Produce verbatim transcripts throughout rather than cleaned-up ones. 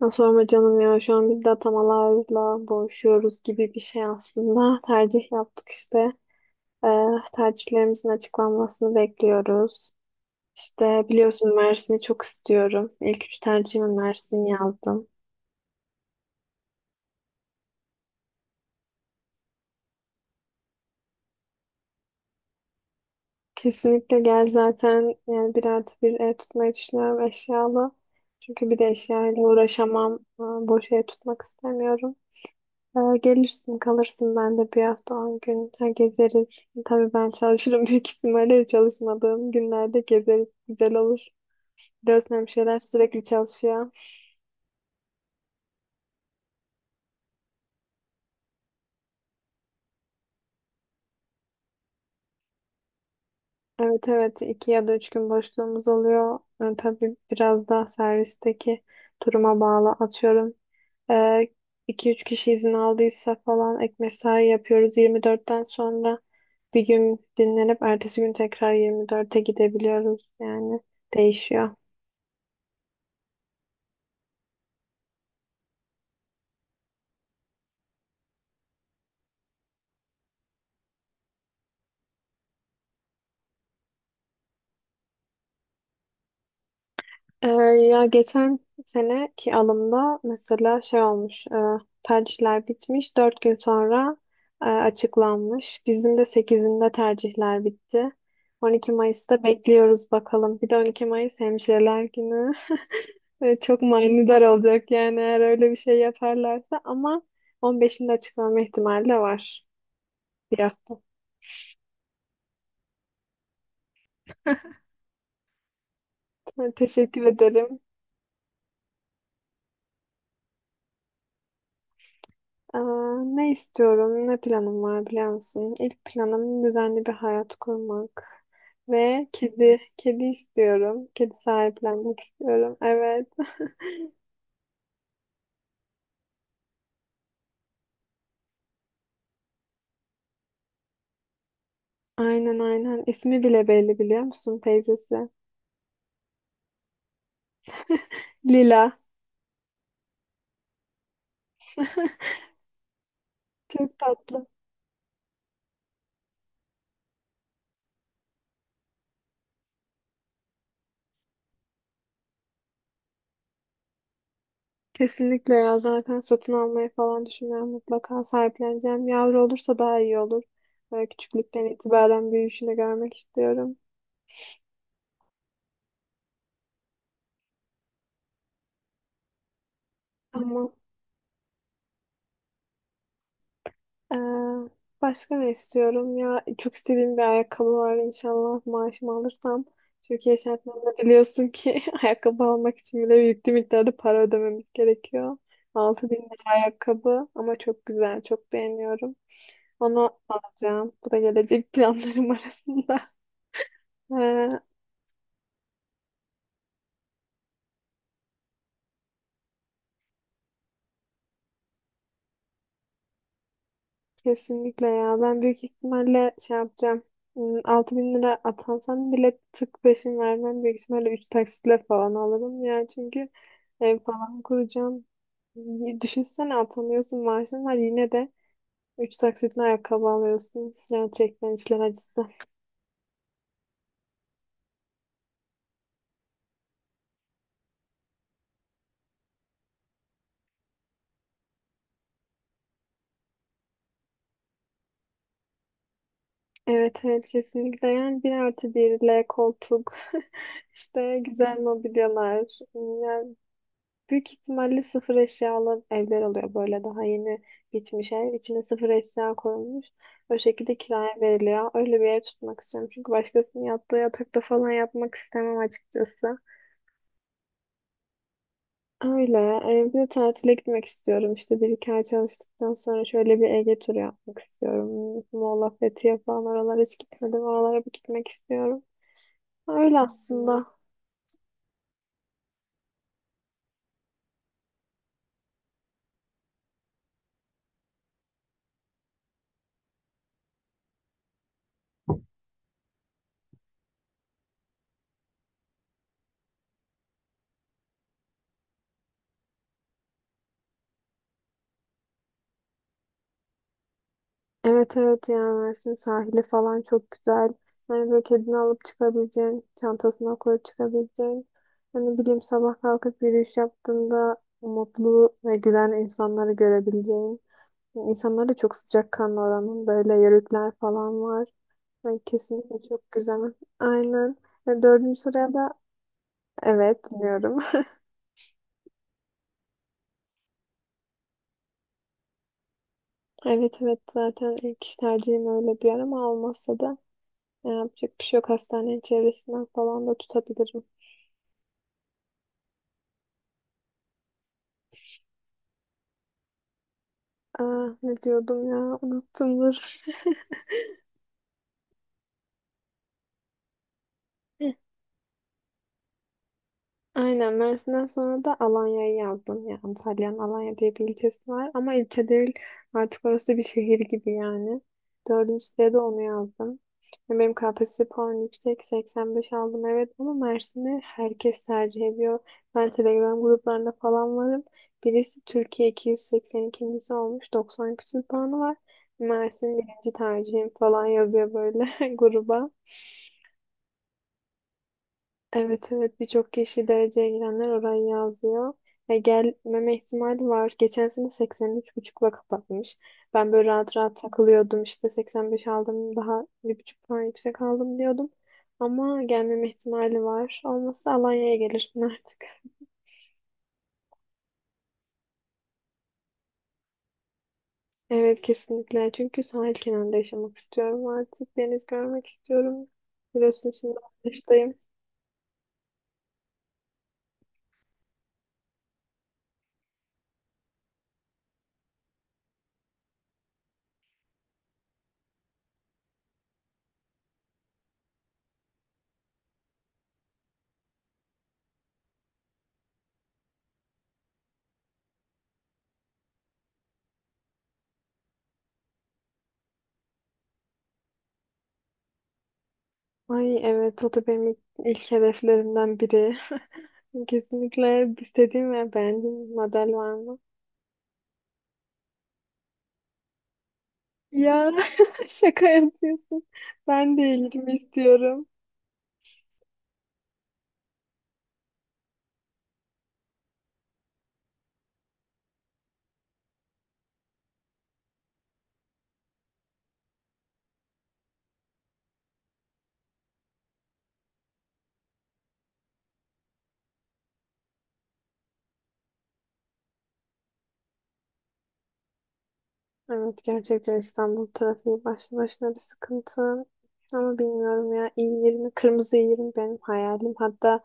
Ya sorma canım ya, şu an biz de atamalarla boğuşuyoruz gibi bir şey aslında. Tercih yaptık işte. Ee, tercihlerimizin açıklanmasını bekliyoruz. İşte biliyorsun, Mersin'i çok istiyorum. İlk üç tercihime Mersin yazdım. Kesinlikle gel, zaten yani bir artı bir ev tutmayı düşünüyorum, eşyalı. Çünkü bir de eşyayla uğraşamam. Ee, Boş ev tutmak istemiyorum. Ee, gelirsin, kalırsın, ben de bir hafta on gün ha, gezeriz. Tabii ben çalışırım büyük ihtimalle çalışmadığım günlerde gezeriz. Güzel olur. Biliyorsun, hemşireler sürekli çalışıyor. Evet, evet, iki ya da üç gün boşluğumuz oluyor. Ee, tabii biraz da servisteki duruma bağlı, atıyorum. Ee, iki üç kişi izin aldıysa falan ek mesai yapıyoruz. yirmi dörtten sonra bir gün dinlenip ertesi gün tekrar yirmi dörde gidebiliyoruz. Yani değişiyor. Ee, ya geçen seneki alımda mesela şey olmuş, e, tercihler bitmiş, dört gün sonra e, açıklanmış. Bizim de sekizinde tercihler bitti. On iki Mayıs'ta bekliyoruz bakalım. Bir de on iki Mayıs Hemşireler Günü. Ee, çok manidar olacak yani, eğer öyle bir şey yaparlarsa, ama on beşinde açıklanma ihtimali de var, bir hafta. Teşekkür ederim. Aa, ne istiyorum, ne planım var biliyor musun? İlk planım düzenli bir hayat kurmak ve kedi, kedi istiyorum. Kedi sahiplenmek istiyorum. Evet, aynen aynen. İsmi bile belli, biliyor musun teyzesi? Lila. Çok tatlı. Kesinlikle ya, zaten satın almayı falan düşünüyorum. Mutlaka sahipleneceğim. Yavru olursa daha iyi olur. Böyle küçüklükten itibaren büyüyüşünü görmek istiyorum. Ama Ee, başka ne istiyorum ya? Çok istediğim bir ayakkabı var, inşallah maaşımı alırsam. Türkiye şartlarında biliyorsun ki ayakkabı almak için bile yüklü miktarda para ödememiz gerekiyor. 6000 lira ayakkabı, ama çok güzel, çok beğeniyorum. Onu alacağım. Bu da gelecek planlarım arasında. Ee, Kesinlikle ya. Ben büyük ihtimalle şey yapacağım. Hmm, altı bin lira atansam bile tık peşin vermem. Büyük ihtimalle üç taksitle falan alırım ya. Çünkü ev falan kuracağım. Y- Düşünsene, atamıyorsun, maaşın var, yine de üç taksitle ayakkabı alıyorsun. Gerçekten işler acısı. Evet, evet, kesinlikle. Yani bir artı birle koltuk, işte güzel mobilyalar. Hmm, yani büyük ihtimalle sıfır eşyalı evler oluyor, böyle daha yeni bitmiş ev. İçine sıfır eşya koyulmuş. O şekilde kiraya veriliyor. Öyle bir ev tutmak istiyorum. Çünkü başkasının yattığı yatakta falan yapmak istemem, açıkçası. Öyle. Ee, bir de tatile gitmek istiyorum. İşte bir iki ay çalıştıktan sonra şöyle bir Ege turu yapmak istiyorum. Muğla, Fethiye falan, oralara hiç gitmedim. Oralara bir gitmek istiyorum. Öyle aslında. Evet, evet, yani Mersin sahili falan çok güzel. Hani böyle kedini alıp çıkabileceğin, çantasına koyup çıkabileceğin. Hani bileyim, sabah kalkıp yürüyüş yaptığında mutlu ve gülen insanları görebileceğin. Yani insanlar da çok sıcakkanlı oranın, böyle yörükler falan var. Yani kesinlikle çok güzel. Aynen. Ve dördüncü sıraya da evet diyorum. Evet, evet, zaten ilk tercihim öyle bir yer, ama olmazsa da e, yapacak bir şey yok. Hastanenin çevresinden falan da tutabilirim. Aa, ne diyordum ya, unuttumdur. Aynen, Mersin'den sonra da Alanya'yı yazdım. Ya Antalya'nın Alanya diye bir ilçesi var, ama ilçe değil artık orası, bir şehir gibi yani. Dördüncü sırada onu yazdım. Ya benim K P S S puanım yüksek, seksen beş aldım evet, ama Mersin'i herkes tercih ediyor. Ben Telegram gruplarında falan varım. Birisi Türkiye iki yüz seksen ikinci.si olmuş, doksan küsur puanı var. Mersin birinci tercihim falan yazıyor böyle gruba. Evet, evet, birçok kişi, dereceye girenler orayı yazıyor. E, gelmeme ihtimali var. Geçen sene seksen üç buçukla kapatmış. Ben böyle rahat rahat takılıyordum, işte seksen beş aldım, daha bir buçuk puan yüksek aldım diyordum. Ama gelmeme ihtimali var. Olmazsa Alanya'ya gelirsin artık. Evet, kesinlikle, çünkü sahil kenarında yaşamak istiyorum artık. Deniz görmek istiyorum. Biliyorsun, şimdi arkadaştayım. Ay, evet, o da benim ilk hedeflerimden biri. Kesinlikle istediğim ve beğendiğim bir model var mı? Ya, şaka yapıyorsun. Ben de ilgimi istiyorum. Evet, gerçekten İstanbul trafiği başlı başına bir sıkıntı. Ama bilmiyorum ya, i yirmi, kırmızı i yirmi benim hayalim. Hatta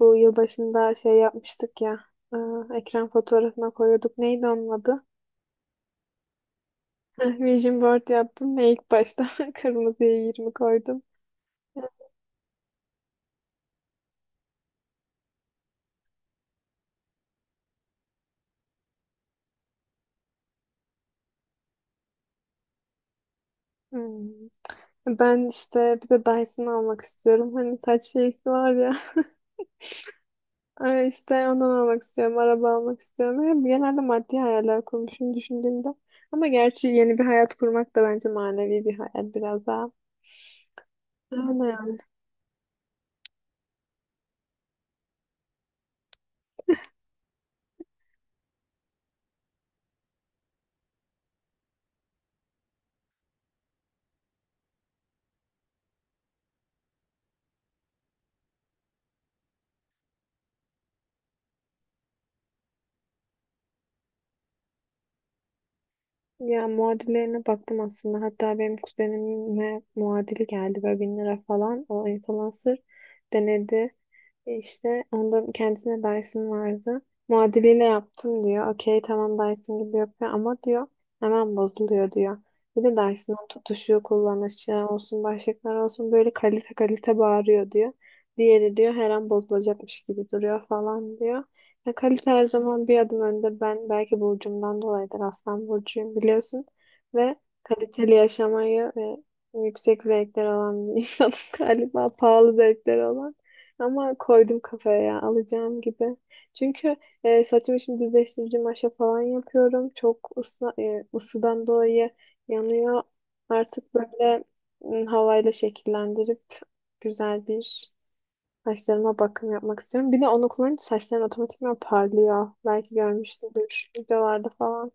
bu yılbaşında şey yapmıştık ya, e, ekran fotoğrafına koyuyorduk. Neydi onun adı? Heh, Vision board yaptım ve ilk başta kırmızı i yirmi koydum. Hmm. Ben işte bir de Dyson almak istiyorum. Hani saç şeysi var ya. Ay, işte ondan almak istiyorum. Araba almak istiyorum. Yani genelde maddi hayaller kurmuşum düşündüğümde. Ama gerçi yeni bir hayat kurmak da bence manevi bir hayal biraz daha. Aynen. Ya muadillerine baktım aslında. Hatta benim kuzenime muadili geldi, böyle bin lira falan. O influencer denedi. E İşte ondan, kendisine Dyson vardı. Muadiliyle yaptım diyor. Okey, tamam, Dyson gibi yapıyor ama, diyor, hemen bozuluyor diyor. Bir de Dyson'ın tutuşu kullanışı olsun, başlıklar olsun, böyle kalite kalite bağırıyor diyor. Diğeri diyor her an bozulacakmış gibi duruyor falan diyor. Ya kalite her zaman bir adım önde. Ben belki burcumdan dolayıdır, Aslan burcuyum biliyorsun. Ve kaliteli yaşamayı ve yüksek zevkler olan bir insanım galiba. Pahalı zevkler olan. Ama koydum kafaya, ya alacağım gibi. Çünkü e, saçımı şimdi düzleştirici maşa falan yapıyorum. Çok ısla, e, ısıdan dolayı yanıyor. Artık böyle m, havayla şekillendirip güzel bir saçlarıma bakım yapmak istiyorum. Bir de onu kullanınca saçlarım otomatikman parlıyor. Belki görmüşsündür videolarda falan.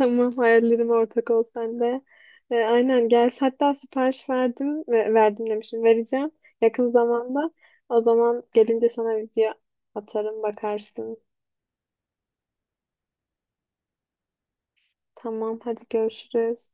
Tamam, hayallerime ortak ol sen de. E, aynen gel. Hatta sipariş verdim ve verdim demişim. Vereceğim yakın zamanda. O zaman gelince sana video atarım, bakarsın. Tamam, hadi görüşürüz.